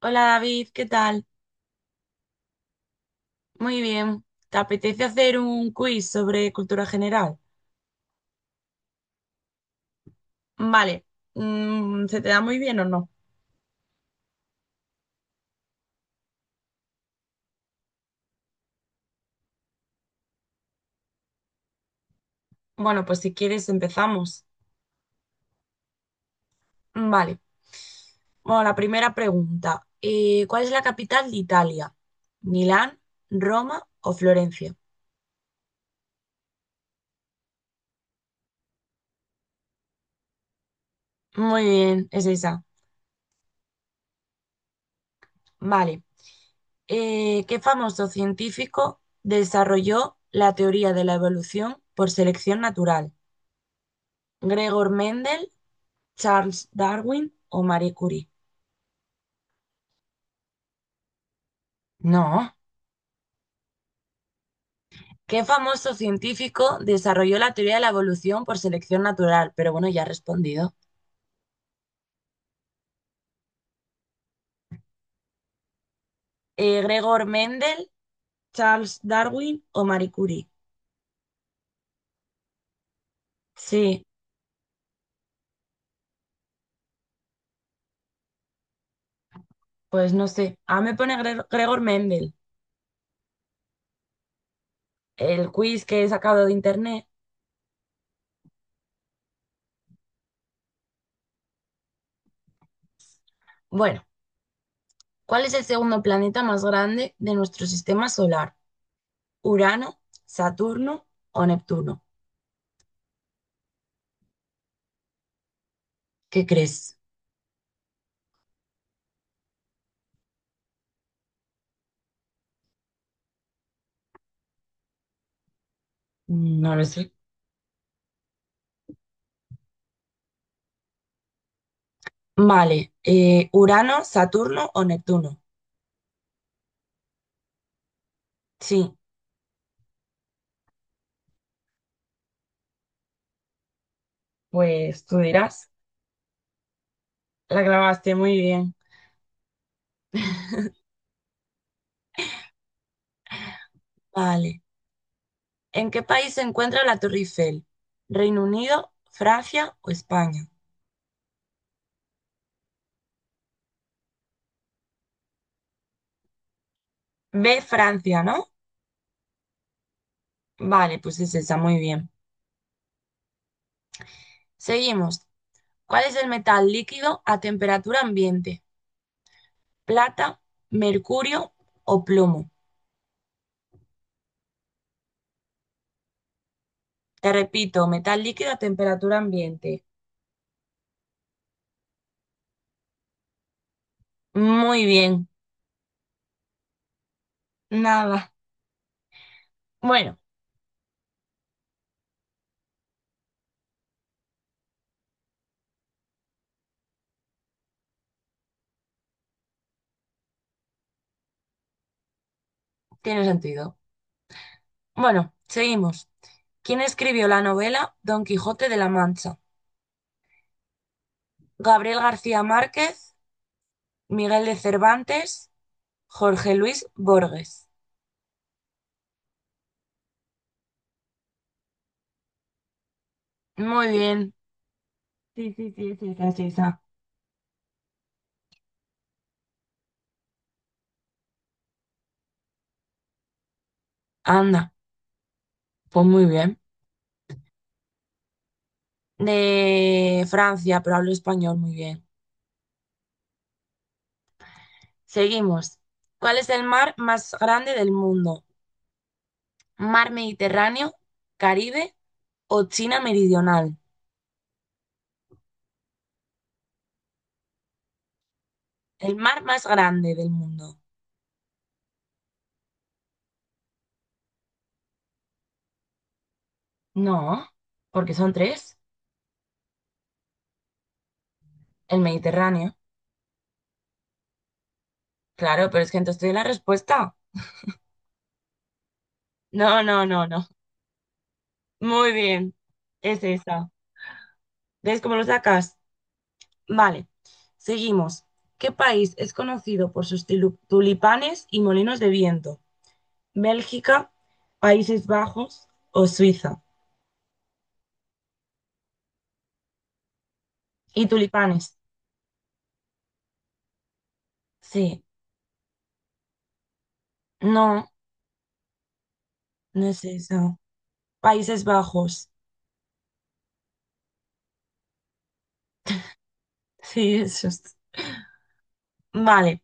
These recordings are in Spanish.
Hola David, ¿qué tal? Muy bien. ¿Te apetece hacer un quiz sobre cultura general? Vale. ¿Se te da muy bien o no? Bueno, pues si quieres empezamos. Vale. Bueno, la primera pregunta. ¿Cuál es la capital de Italia? ¿Milán, Roma o Florencia? Muy bien, es esa. Vale. ¿Qué famoso científico desarrolló la teoría de la evolución por selección natural? ¿Gregor Mendel, Charles Darwin o Marie Curie? No. ¿Qué famoso científico desarrolló la teoría de la evolución por selección natural? Pero bueno, ya he respondido. ¿Gregor Mendel, Charles Darwin o Marie Curie? Sí, pues no sé. A me pone Gregor Mendel, el quiz que he sacado de internet. Bueno, ¿cuál es el segundo planeta más grande de nuestro sistema solar? ¿Urano, Saturno o Neptuno? ¿Qué crees? No lo sé. Vale, ¿Urano, Saturno o Neptuno? Sí. Pues tú dirás, la grabaste muy bien. Vale. ¿En qué país se encuentra la Torre Eiffel? ¿Reino Unido, Francia o España? B, Francia, ¿no? Vale, pues es esa, muy bien. Seguimos. ¿Cuál es el metal líquido a temperatura ambiente? ¿Plata, mercurio o plomo? Te repito, metal líquido a temperatura ambiente. Muy bien, nada. Bueno, tiene sentido. Bueno, seguimos. ¿Quién escribió la novela Don Quijote de la Mancha? Gabriel García Márquez, Miguel de Cervantes, Jorge Luis Borges. Muy bien. Sí, sí, sí, sí, sí, sí, sí. Anda, pues muy bien. De Francia, pero hablo español muy bien. Seguimos. ¿Cuál es el mar más grande del mundo? ¿Mar Mediterráneo, Caribe o China Meridional? El mar más grande del mundo. No, porque son tres. El Mediterráneo. Claro, pero es que entonces te di la respuesta. No, no, no, no. Muy bien. Es esa. ¿Ves cómo lo sacas? Vale. Seguimos. ¿Qué país es conocido por sus tulipanes y molinos de viento? ¿Bélgica, Países Bajos o Suiza? ¿Y tulipanes? Sí. No, no es esa. Países Bajos. Sí, eso es. Vale.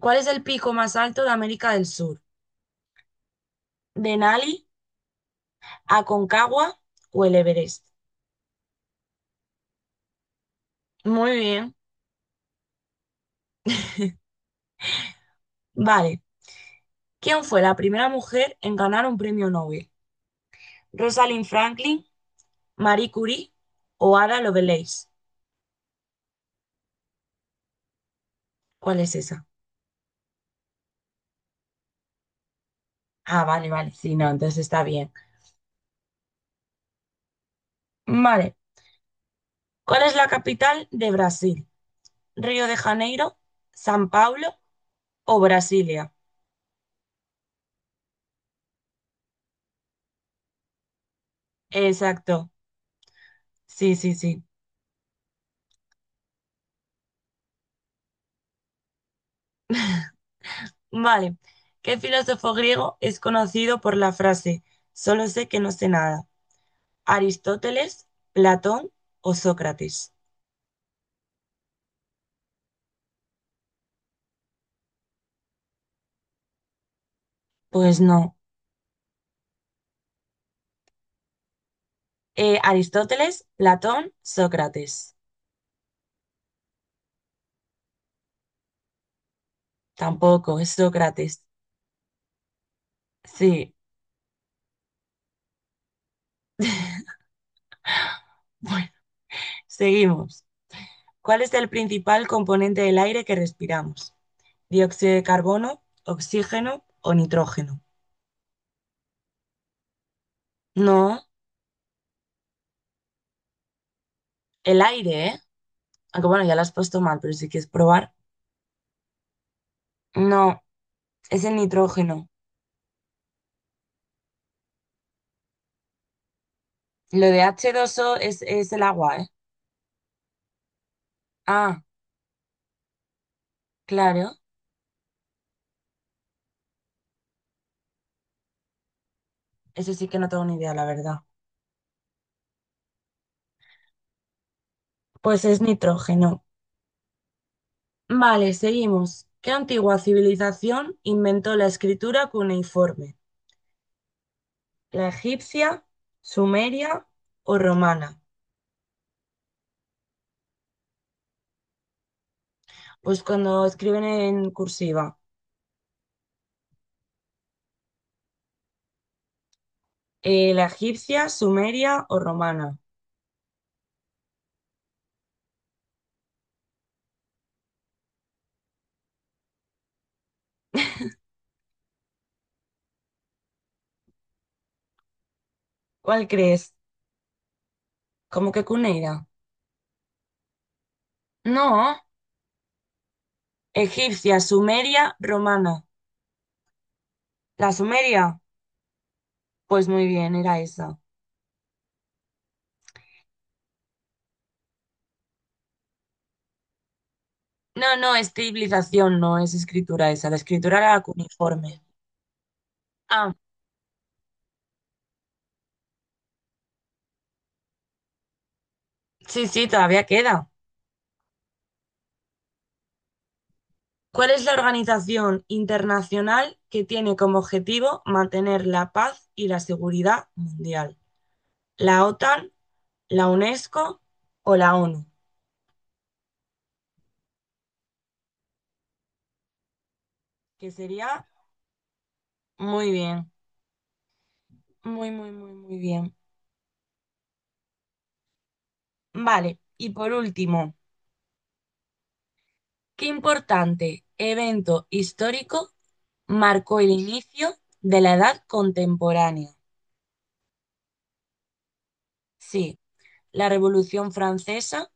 ¿Cuál es el pico más alto de América del Sur? ¿Denali, Aconcagua o el Everest? Muy bien. Vale. ¿Quién fue la primera mujer en ganar un premio Nobel? ¿Rosalind Franklin, Marie Curie o Ada Lovelace? ¿Cuál es esa? Ah, vale, vale. Sí, no, entonces está bien. Vale. ¿Cuál es la capital de Brasil? ¿Río de Janeiro, San Pablo o Brasilia? Exacto. Sí, sí, sí. Vale. ¿Qué filósofo griego es conocido por la frase solo sé que no sé nada? ¿Aristóteles, Platón o Sócrates? Pues no. Aristóteles, Platón, Sócrates. Tampoco, es Sócrates. Sí. Bueno, seguimos. ¿Cuál es el principal componente del aire que respiramos? ¿Dióxido de carbono, oxígeno o nitrógeno? No, el aire, ¿eh? Aunque bueno, ya lo has puesto mal, pero si quieres probar. No, es el nitrógeno. Lo de h dos o es el agua, ¿eh? Ah, claro. Eso sí que no tengo ni idea, la verdad. Pues es nitrógeno. Vale, seguimos. ¿Qué antigua civilización inventó la escritura cuneiforme? ¿La egipcia, sumeria o romana? Pues cuando escriben en cursiva, la egipcia, sumeria o romana. ¿Cuál crees? ¿Cómo que cuneira? No, egipcia, sumeria, romana. ¿La sumeria? Pues muy bien, era esa. No, no, es civilización, no es escritura esa. La escritura era cuneiforme. Ah, sí, sí, todavía queda. ¿Cuál es la organización internacional que tiene como objetivo mantener la paz y la seguridad mundial? ¿La OTAN, la UNESCO o la ONU? Que sería muy bien, muy, muy, muy, muy bien. Vale, y por último, ¿qué importante evento histórico marcó el inicio de la Edad Contemporánea? Sí, la Revolución Francesa,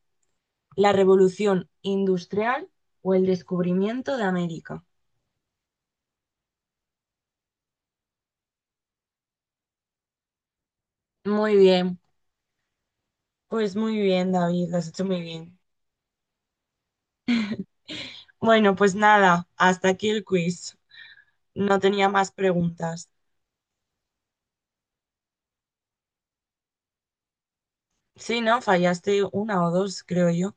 la Revolución Industrial o el descubrimiento de América. Muy bien, pues muy bien, David, lo has hecho muy bien. Bueno, pues nada, hasta aquí el quiz. No tenía más preguntas. Sí, ¿no? Fallaste una o dos, creo yo.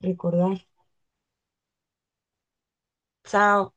Recordar. Chao.